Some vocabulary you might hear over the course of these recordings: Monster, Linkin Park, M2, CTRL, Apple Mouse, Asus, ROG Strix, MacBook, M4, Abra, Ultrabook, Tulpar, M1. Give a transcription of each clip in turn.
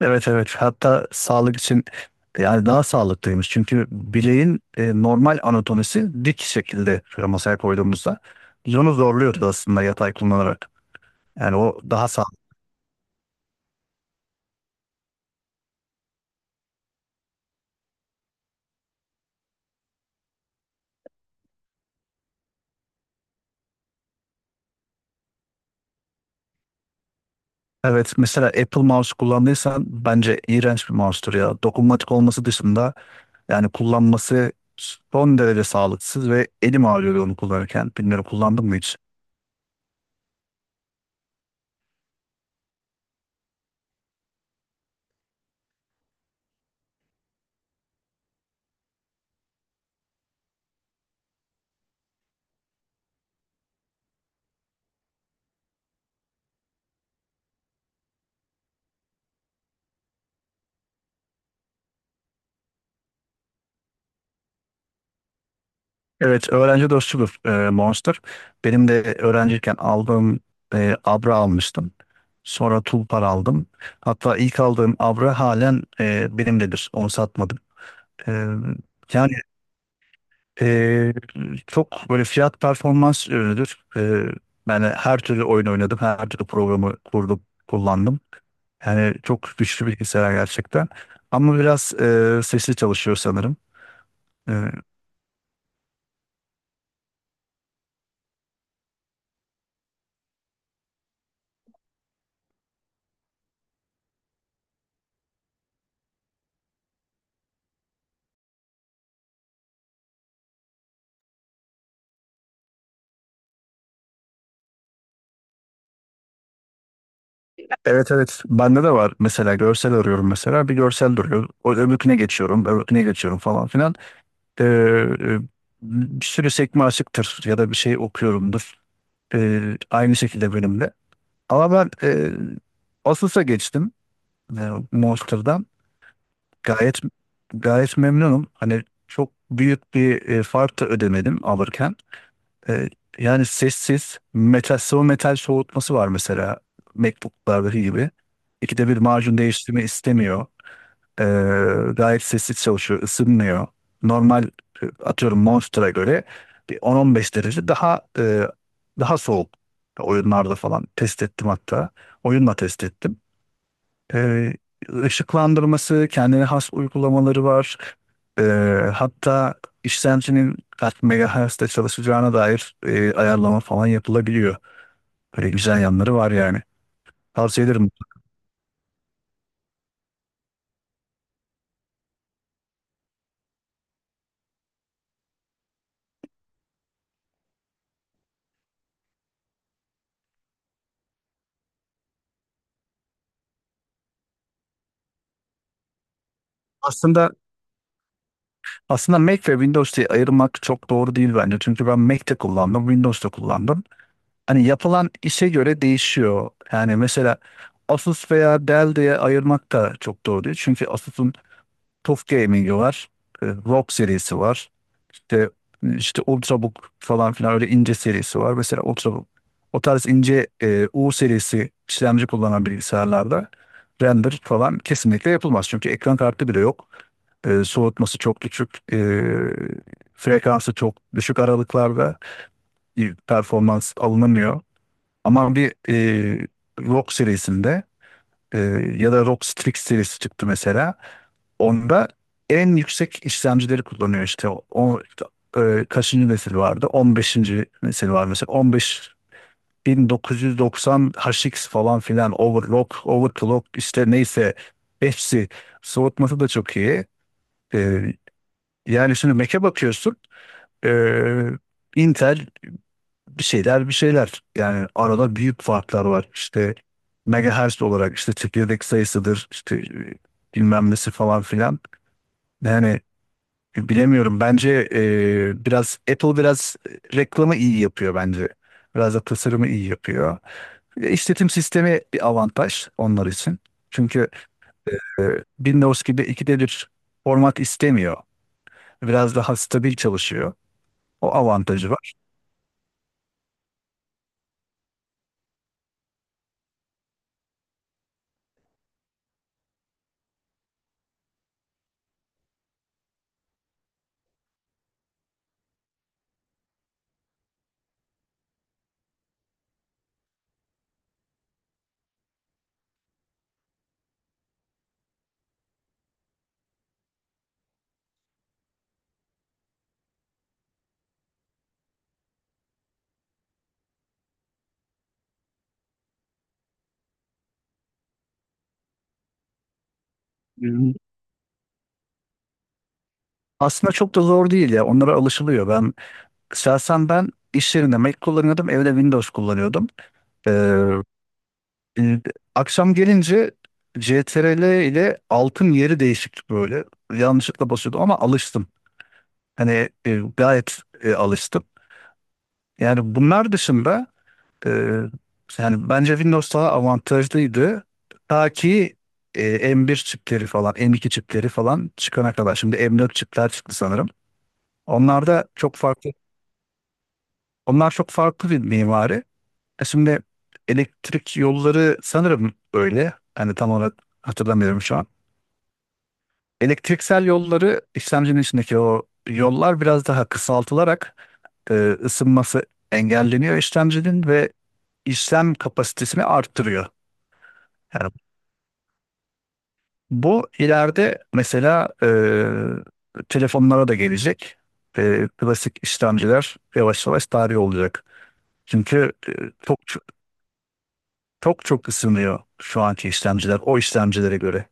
Evet evet, hatta sağlık için yani daha sağlıklıymış. Çünkü bileğin normal anatomisi, dik şekilde şöyle masaya koyduğumuzda biz onu zorluyoruz aslında yatay kullanarak. Yani o daha sağlıklı. Evet, mesela Apple Mouse kullandıysan bence iğrenç bir mouse'tur ya. Dokunmatik olması dışında yani kullanması son derece sağlıksız ve elim ağrıyordu onu kullanırken. Bilmiyorum, kullandım mı hiç? Evet, öğrenci dostudur Monster. Benim de öğrenciyken aldığım Abra almıştım. Sonra Tulpar aldım. Hatta ilk aldığım Abra halen benimdedir. Onu satmadım. E, yani e, çok böyle fiyat performans ürünüdür. Ben her türlü oyun oynadım. Her türlü programı kurdum, kullandım. Yani çok güçlü bilgisayar gerçekten. Ama biraz sesli çalışıyor sanırım. E, Evet evet, bende de var. Mesela görsel arıyorum, mesela bir görsel duruyor, o öbürküne geçiyorum, öbürküne geçiyorum falan filan. Ee, e, bir sürü sekme açıktır ya da bir şey okuyorumdur. Aynı şekilde benim de, ama ben Asus'a geçtim e, Monster'dan. Gayet gayet memnunum, hani çok büyük bir fark da ödemedim alırken. e, yani sessiz metal, sıvı metal soğutması var mesela, MacBook'lardaki gibi. İkide bir macun değiştirme istemiyor. E, gayet sessiz çalışıyor, ısınmıyor. Normal, atıyorum Monster'a göre bir 10-15 derece daha daha soğuk. Oyunlarda falan test ettim hatta. Oyunla test ettim. Ee, ışıklandırması, kendine has uygulamaları var. Ee, hatta işlemcinin kaç megahertz'te çalışacağına dair ayarlama falan yapılabiliyor. Böyle güzel yanları var yani. Tavsiye ederim. Aslında Aslında Mac ve Windows diye ayırmak çok doğru değil bence. Çünkü ben Mac'te kullandım, Windows'ta kullandım. Hani yapılan işe göre değişiyor. Yani mesela Asus veya Dell diye ayırmak da çok doğru değil. Çünkü Asus'un TUF Gaming'i var, ROG serisi var. İşte, işte Ultrabook falan filan, öyle ince serisi var. Mesela Ultrabook. O tarz ince U serisi işlemci kullanan bilgisayarlarda render falan kesinlikle yapılmaz. Çünkü ekran kartı bile yok. Soğutması çok düşük. Frekansı çok düşük aralıklarda performans alınamıyor. Ama bir ROG serisinde, e, ya da ROG Strix serisi çıktı mesela. Onda en yüksek işlemcileri kullanıyor işte. Kaçıncı nesil vardı? 15. nesil var mesela. 15 1990 HX falan filan, overclock, işte neyse, hepsi soğutması da çok iyi. E, yani şimdi Mac'e bakıyorsun, e, Intel, bir şeyler bir şeyler, yani arada büyük farklar var işte, megahertz olarak, işte çekirdek sayısıdır, işte bilmem nesi falan filan. Yani bilemiyorum. Bence biraz Apple, biraz reklamı iyi yapıyor bence. Biraz da tasarımı iyi yapıyor. İşletim sistemi bir avantaj onlar için. Çünkü e, Windows gibi ikide bir format istemiyor. Biraz daha stabil çalışıyor. O avantajı var. Hmm. Aslında çok da zor değil ya. Onlara alışılıyor. Şahsen ben iş yerinde Mac kullanıyordum. Evde Windows kullanıyordum. E, E, akşam gelince CTRL ile altın yeri değişikti böyle. Yanlışlıkla basıyordum ama alıştım. Hani gayet alıştım. Yani bunlar dışında e, yani bence Windows daha avantajlıydı. Ta ki M1 çipleri falan, M2 çipleri falan çıkana kadar. Şimdi M4 çipler çıktı sanırım. Onlar da çok farklı. Onlar çok farklı bir mimari. E şimdi elektrik yolları sanırım öyle. Hani tam olarak hatırlamıyorum şu an. Elektriksel yolları, işlemcinin içindeki o yollar biraz daha kısaltılarak e, ısınması engelleniyor işlemcinin ve işlem kapasitesini arttırıyor. Yani bu ileride mesela telefonlara da gelecek. Klasik işlemciler yavaş yavaş tarih olacak. Çünkü çok çok ısınıyor şu anki işlemciler o işlemcilere göre.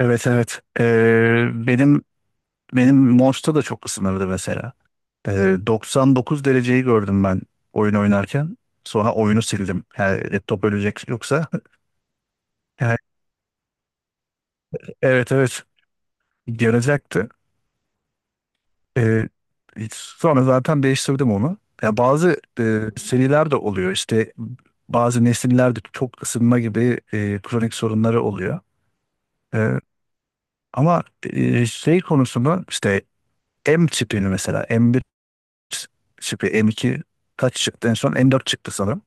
Evet evet. Benim Monster da çok ısınırdı mesela. 99 dereceyi gördüm ben oyun oynarken. Sonra oyunu sildim. Yani laptop ölecek yoksa. Yani evet evet, gelecekti. Ee, sonra zaten değiştirdim onu. Ya bazı seriler de oluyor. İşte bazı nesillerde çok ısınma gibi kronik sorunları oluyor. Ee, ama şey konusunu işte M tipini mesela, M1 tipi, M2, kaç çıktı en son, M4 çıktı sanırım.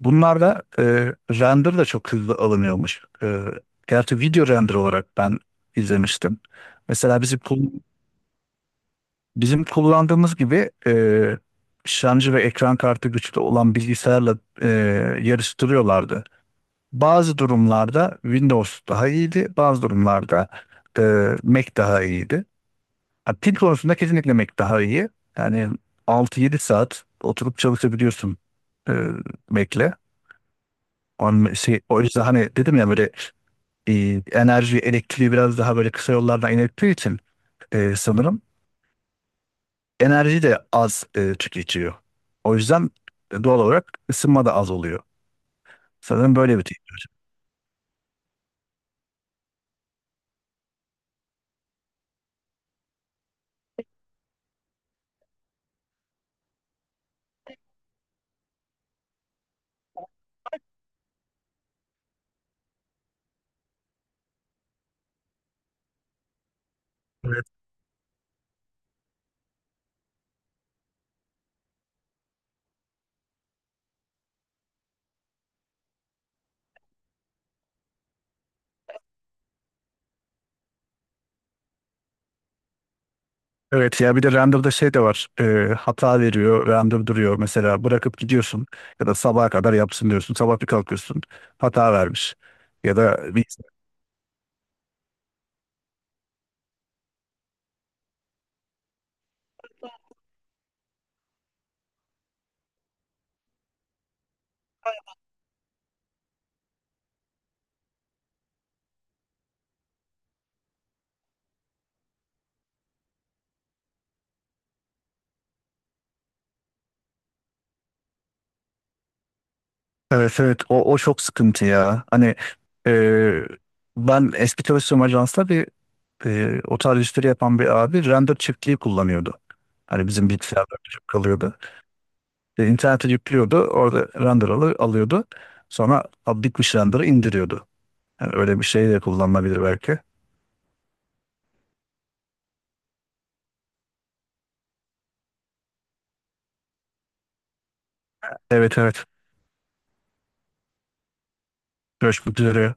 Bunlarda render de çok hızlı alınıyormuş. Gerçi video render olarak ben izlemiştim. Mesela bizim kullandığımız gibi işlemci ve ekran kartı güçlü olan bilgisayarla yarıştırıyorlardı. Bazı durumlarda Windows daha iyiydi, bazı durumlarda e, Mac daha iyiydi. Ha, pil konusunda kesinlikle Mac daha iyi. Yani 6-7 saat oturup çalışabiliyorsun e, Mac'le. On, şey, o yüzden hani dedim ya, böyle enerji, elektriği biraz daha böyle kısa yollardan inerttiği için sanırım enerji de az tüketiyor. O yüzden doğal olarak ısınma da az oluyor. Sanırım böyle bir teknoloji. Evet. Evet ya, bir de render'da şey de var. Hata veriyor, render duruyor. Mesela bırakıp gidiyorsun ya da sabaha kadar yapsın diyorsun. Sabah bir kalkıyorsun, hata vermiş. Ya da bir... Evet evet, o çok sıkıntı ya. Hani e, ben eski çalıştığım ajansta bir o tarz işleri yapan bir abi render çiftliği kullanıyordu. Hani bizim bilgisayarda çok kalıyordu. E, internete yüklüyordu. Orada alıyordu. Sonra "Aa, bitmiş," render'ı indiriyordu. Yani öyle bir şey de kullanılabilir belki. Evet evet. Görüşmek üzere.